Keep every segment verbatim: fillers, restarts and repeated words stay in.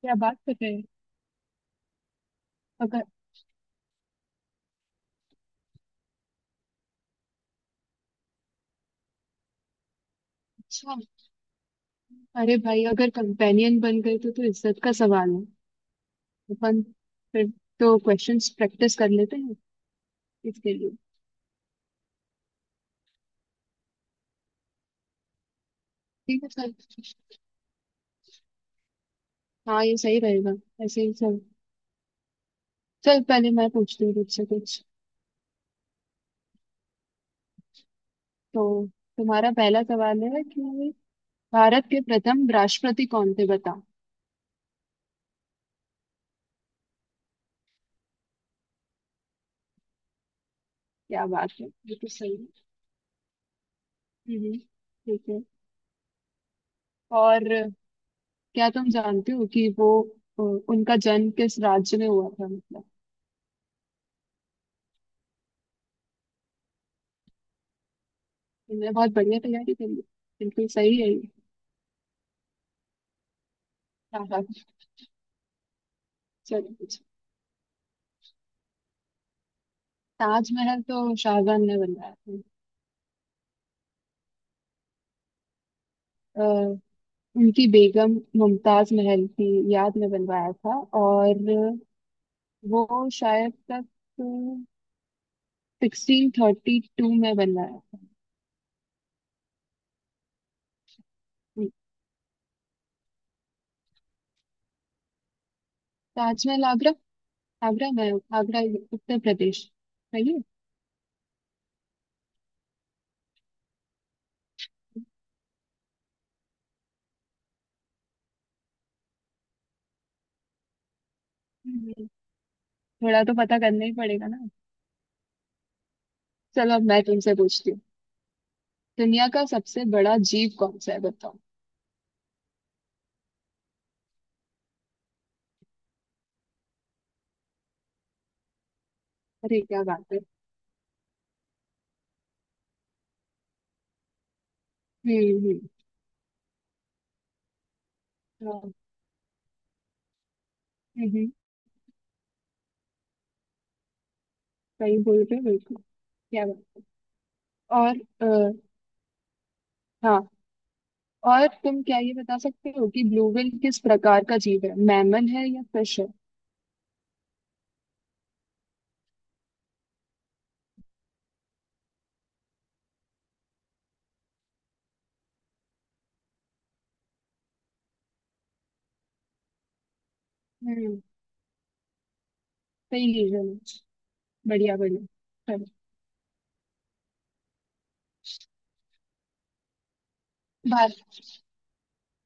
क्या बात कर रहे हैं। अगर, अच्छा। अरे भाई, अगर कंपेनियन बन गए तो तो इज्जत का सवाल है। अपन, फिर तो क्वेश्चंस प्रैक्टिस कर लेते हैं इसके लिए। ठीक है सर। हाँ, ये सही रहेगा। ऐसे ही सर। चल, पहले मैं पूछती हूँ तुझसे कुछ। तो तुम्हारा पहला सवाल है कि भारत के प्रथम राष्ट्रपति कौन थे, बताओ। क्या बात है, ये तो सही है। हम्म, ठीक है। और क्या तुम जानते हो कि वो अ, उनका जन्म किस राज्य में हुआ था, मतलब। तुमने बहुत बढ़िया तैयारी करी है। बिल्कुल सही है ये। हाँ हाँ, चलो कुछ। ताजमहल तो शाहजहां ने बनवाया था। अ, उनकी बेगम मुमताज महल की याद में बनवाया था। और वो शायद तक सिक्सटीन थर्टी टू में बनवाया था। हम्म, ताजमहल आगरा, आगरा में, आगरा उत्तर प्रदेश, सही है। हम्म, थोड़ा तो पता करना ही पड़ेगा ना। चलो, अब मैं तुमसे पूछती हूँ, दुनिया का सबसे बड़ा जीव कौन सा है, बताओ। अरे क्या बात है। हम्म हम्म। हाँ, हम्म, सही बोल रहे हो बिल्कुल, क्या बात। और अ, हाँ, और तुम क्या ये बता सकते हो कि ब्लू व्हेल किस प्रकार का जीव है, मैमल है या फिश है। हम्म, सही रीजन है। बढ़िया बढ़िया। चलो। भारत,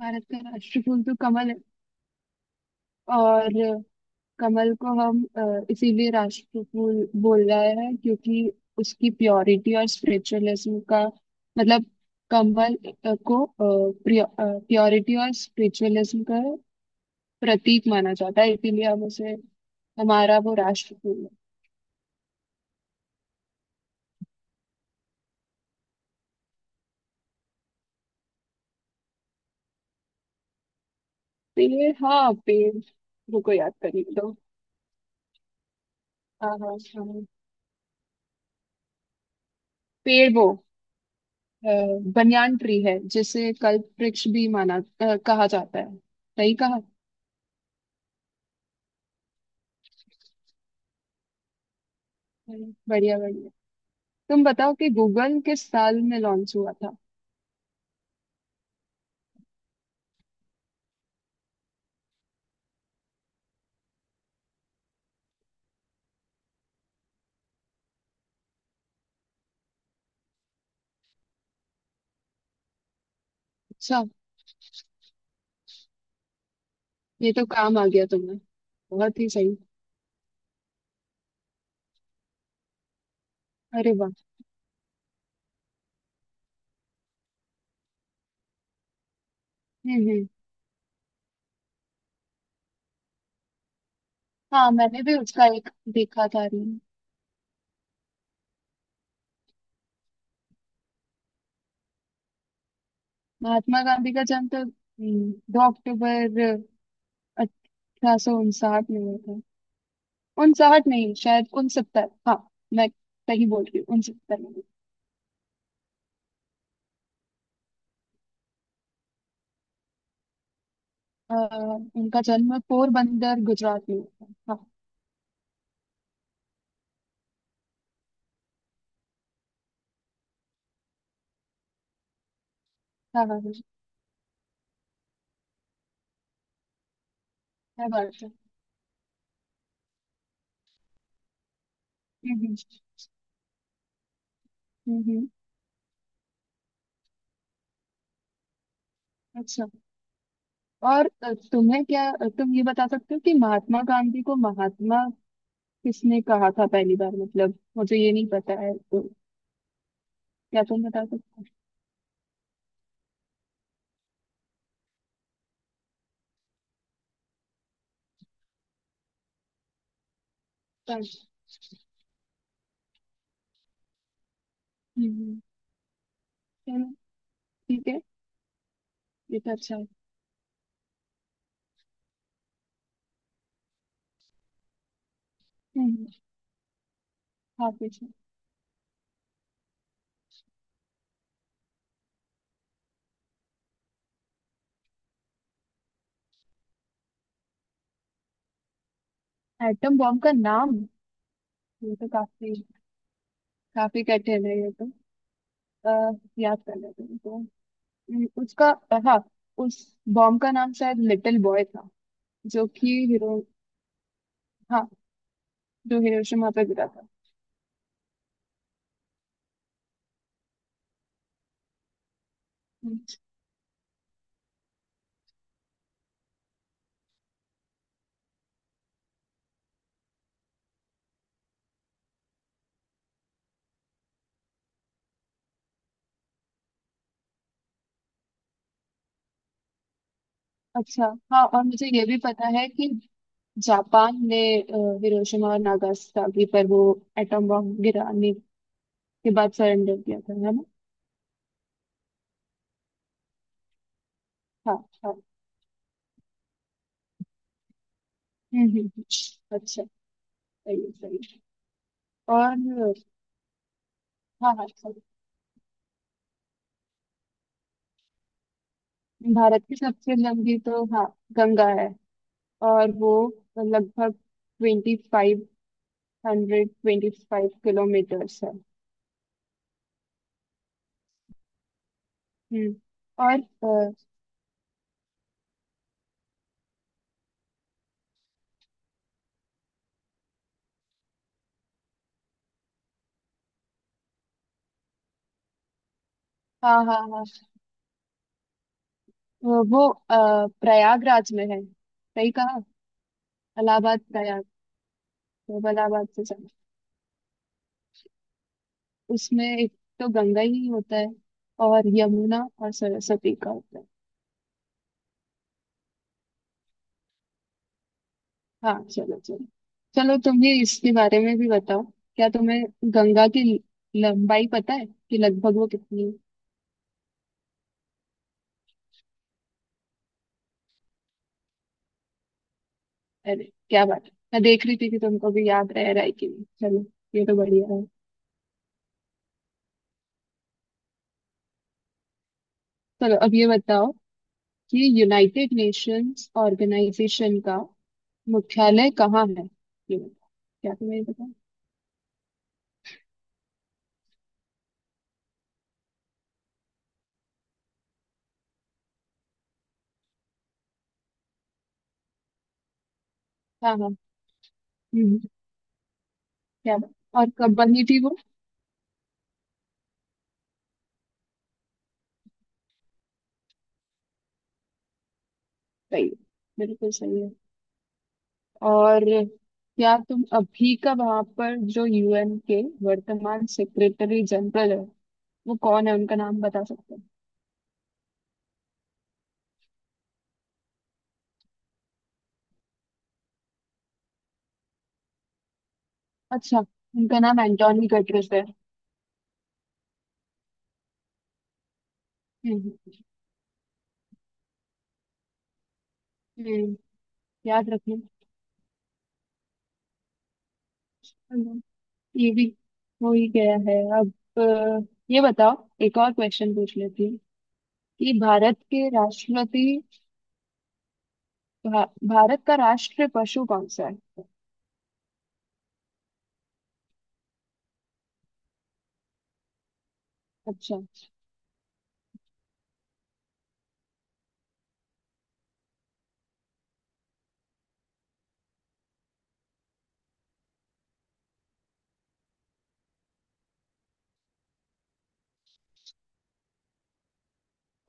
भारत का राष्ट्र फूल तो कमल है। और अ, कमल को हम अ, इसीलिए राष्ट्र फूल बोल रहे हैं क्योंकि उसकी प्योरिटी और स्पिरिचुअलिज्म का मतलब, कमल अ, को प्योरिटी और स्पिरिचुअलिज्म का प्रतीक माना जाता है, इसीलिए हम उसे, हमारा वो राष्ट्र फूल है। तो ये, हाँ, पेड़, रुको याद करिए दो। हाँ हाँ हाँ। पेड़ वो अ, बनियान ट्री है जिसे कल्प वृक्ष भी माना अ, कहा जाता है, सही कहा। हम्म, बढ़िया बढ़िया। तुम बताओ कि गूगल किस साल में लॉन्च हुआ था। अच्छा, ये तो काम आ गया तुम्हें। बहुत ही सही। अरे वाह। हम्म हम्म। हाँ, मैंने भी उसका एक देखा था रील। महात्मा गांधी का जन्म तो हम्म, दो अक्टूबर अठारह सौ उनसाठ में हुआ था। उनसाठ नहीं, शायद उनसत्तर। हाँ, मैं सही बोल रही हूँ, उनसत्तर में। अ, उनका जन्म पोरबंदर गुजरात में हुआ था। हाँ हाँ हाँ हाँ, क्या बात है। हम्म हम्म हम्म, हम्म, अच्छा। और अ, तुम्हें क्या, तुम ये बता सकते हो कि महात्मा गांधी को महात्मा किसने कहा था पहली बार, मतलब मुझे ये नहीं पता है, तो क्या तुम बता सकते हो। पर- हम्म हम्म, चलो ठीक है, ये तो अच्छा है। हम्म, हाँ पूछो। एटम बॉम्ब का नाम, ये तो काफी, काफी कठिन है ये तो। आ, याद कर लेते हैं तो। हम्म, उसका, हाँ, उस बॉम्ब का नाम शायद लिटिल बॉय था, जो कि हिरो, हाँ, जो हिरोशिमा पे गिरा था। हम्म, अच्छा। हाँ, और मुझे ये भी पता है कि जापान ने अ, हिरोशिमा और नागासाकी पर वो एटम बॉम्ब गिराने के बाद सरेंडर किया था, है ना। हाँ हाँ। हम्म हम्म हम्म, अच्छा, सही है, सही है। और हाँ हाँ सही। भारत की सबसे लंबी तो, हाँ, गंगा है। और वो लगभग twenty five, hundred twenty five kilometres है। हम्म। और अ, हाँ हाँ हाँ। वो वो, अ, प्रयागराज में है, सही कहा। इलाहाबाद, प्रयाग। तो इलाहाबाद से चला, उसमें एक तो गंगा ही होता है और यमुना और सरस्वती का होता है। हाँ, चलो चलो। चलो, तुम भी इसके बारे में भी बताओ, क्या तुम्हें गंगा की लंबाई पता है कि लगभग वो कितनी। अरे क्या बात है, मैं देख रही थी कि तुमको भी याद रह रहा है कि नहीं। चलो, ये तो बढ़िया है। चलो, अब ये बताओ कि यूनाइटेड नेशंस ऑर्गेनाइजेशन का मुख्यालय कहाँ है, ये बताओ, क्या तुम्हें ये पता है? हाँ हाँ। हम्म, क्या बात। और कब बनी थी वो। सही है, बिल्कुल सही है। और क्या तुम अभी का वहां पर जो यूएन के वर्तमान सेक्रेटरी जनरल है, वो कौन है, उनका नाम बता सकते हो। अच्छा, उनका नाम एंटोनी गटरेस है। हम्म हम्म, हम्म, याद रखना। हम्म, ये भी हो ही गया है अब। अ, ये बताओ, एक और क्वेश्चन पूछ लेती हूँ कि भारत के राष्ट्रपति, भा, भारत का राष्ट्र पशु कौन सा है। अच्छा।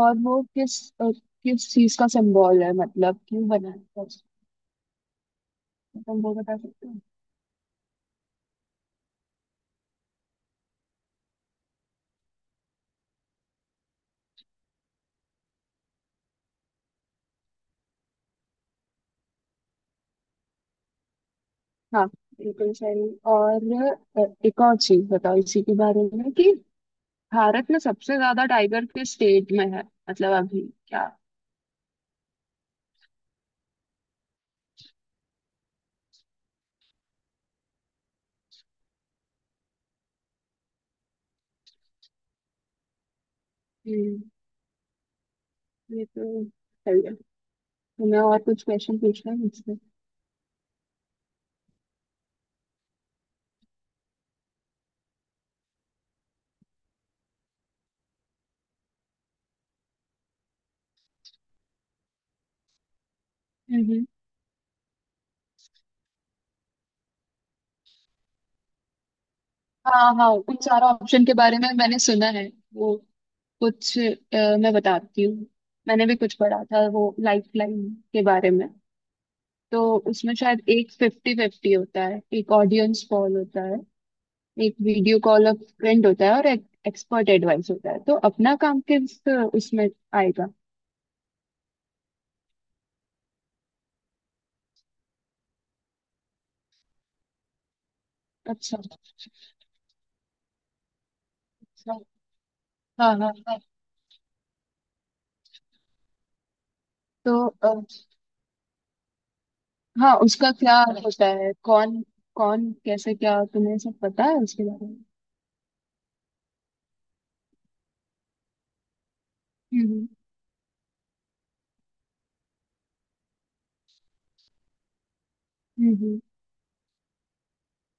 और वो किस अ, किस चीज का सिंबल है, मतलब क्यों बना है उसको? तुम वो बता सकते हो। हाँ, बिल्कुल सही। और अ, एक और चीज बताओ इसी के बारे में कि भारत में सबसे ज्यादा टाइगर किस स्टेट में है, मतलब अभी, क्या। हम्म, ये तो सही है। मैं और कुछ क्वेश्चन पूछना है मुझसे। हम्म, हाँ हाँ, उन चारों ऑप्शन के बारे में मैंने सुना है। वो कुछ अ, मैं बताती हूँ, मैंने भी कुछ पढ़ा था वो लाइफ लाइन के बारे में। तो उसमें शायद एक फिफ्टी फिफ्टी होता है, एक ऑडियंस कॉल होता है, एक वीडियो कॉल ऑफ फ्रेंड होता है और एक एक्सपर्ट एडवाइस होता है। तो अपना काम किस उसमें आएगा। अच्छा, अच्छा, हाँ हाँ हाँ। तो, हाँ, उसका क्या होता है, कौन कौन कैसे क्या, तुम्हें सब पता है उसके बारे में। हम्म हम्म हम्म,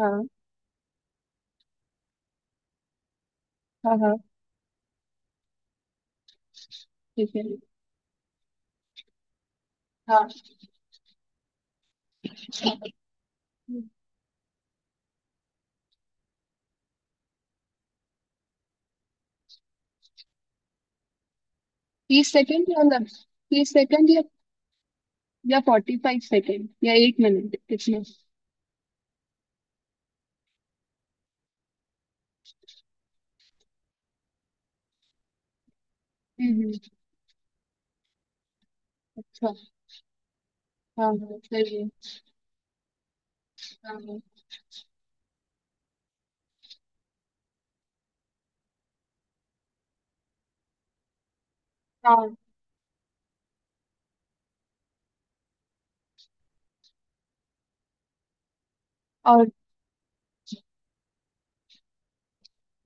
हाँ हाँ हाँ, ठीक है। हाँ, तीस सेकंड, या मतलब तीस सेकंड या या फोर्टी फाइव सेकेंड या एक मिनट, कितना। हम्म, अच्छा, हाँ हाँ सही है। हाँ हाँ हाँ, और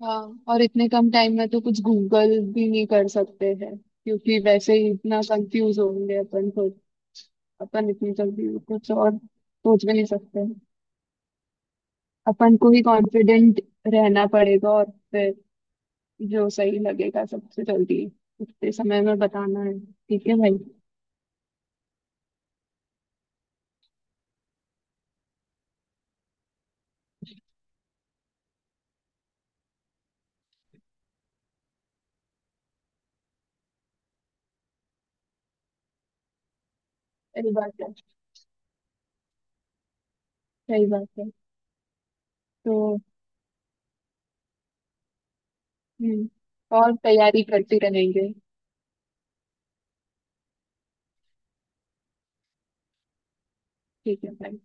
हाँ, और इतने कम टाइम में तो कुछ गूगल भी नहीं कर सकते हैं, क्योंकि वैसे ही इतना कंफ्यूज होंगे अपन खुद। अपन इतनी जल्दी कुछ और सोच भी नहीं सकते। अपन को ही कॉन्फिडेंट रहना पड़ेगा और फिर जो सही लगेगा सबसे जल्दी उतने समय में बताना है, ठीक है भाई। सही बात है, सही बात है। तो, हम्म, और तैयारी करते रहेंगे। ठीक है भाई।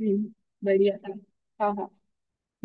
हम्म, बढ़िया था। हाँ हाँ।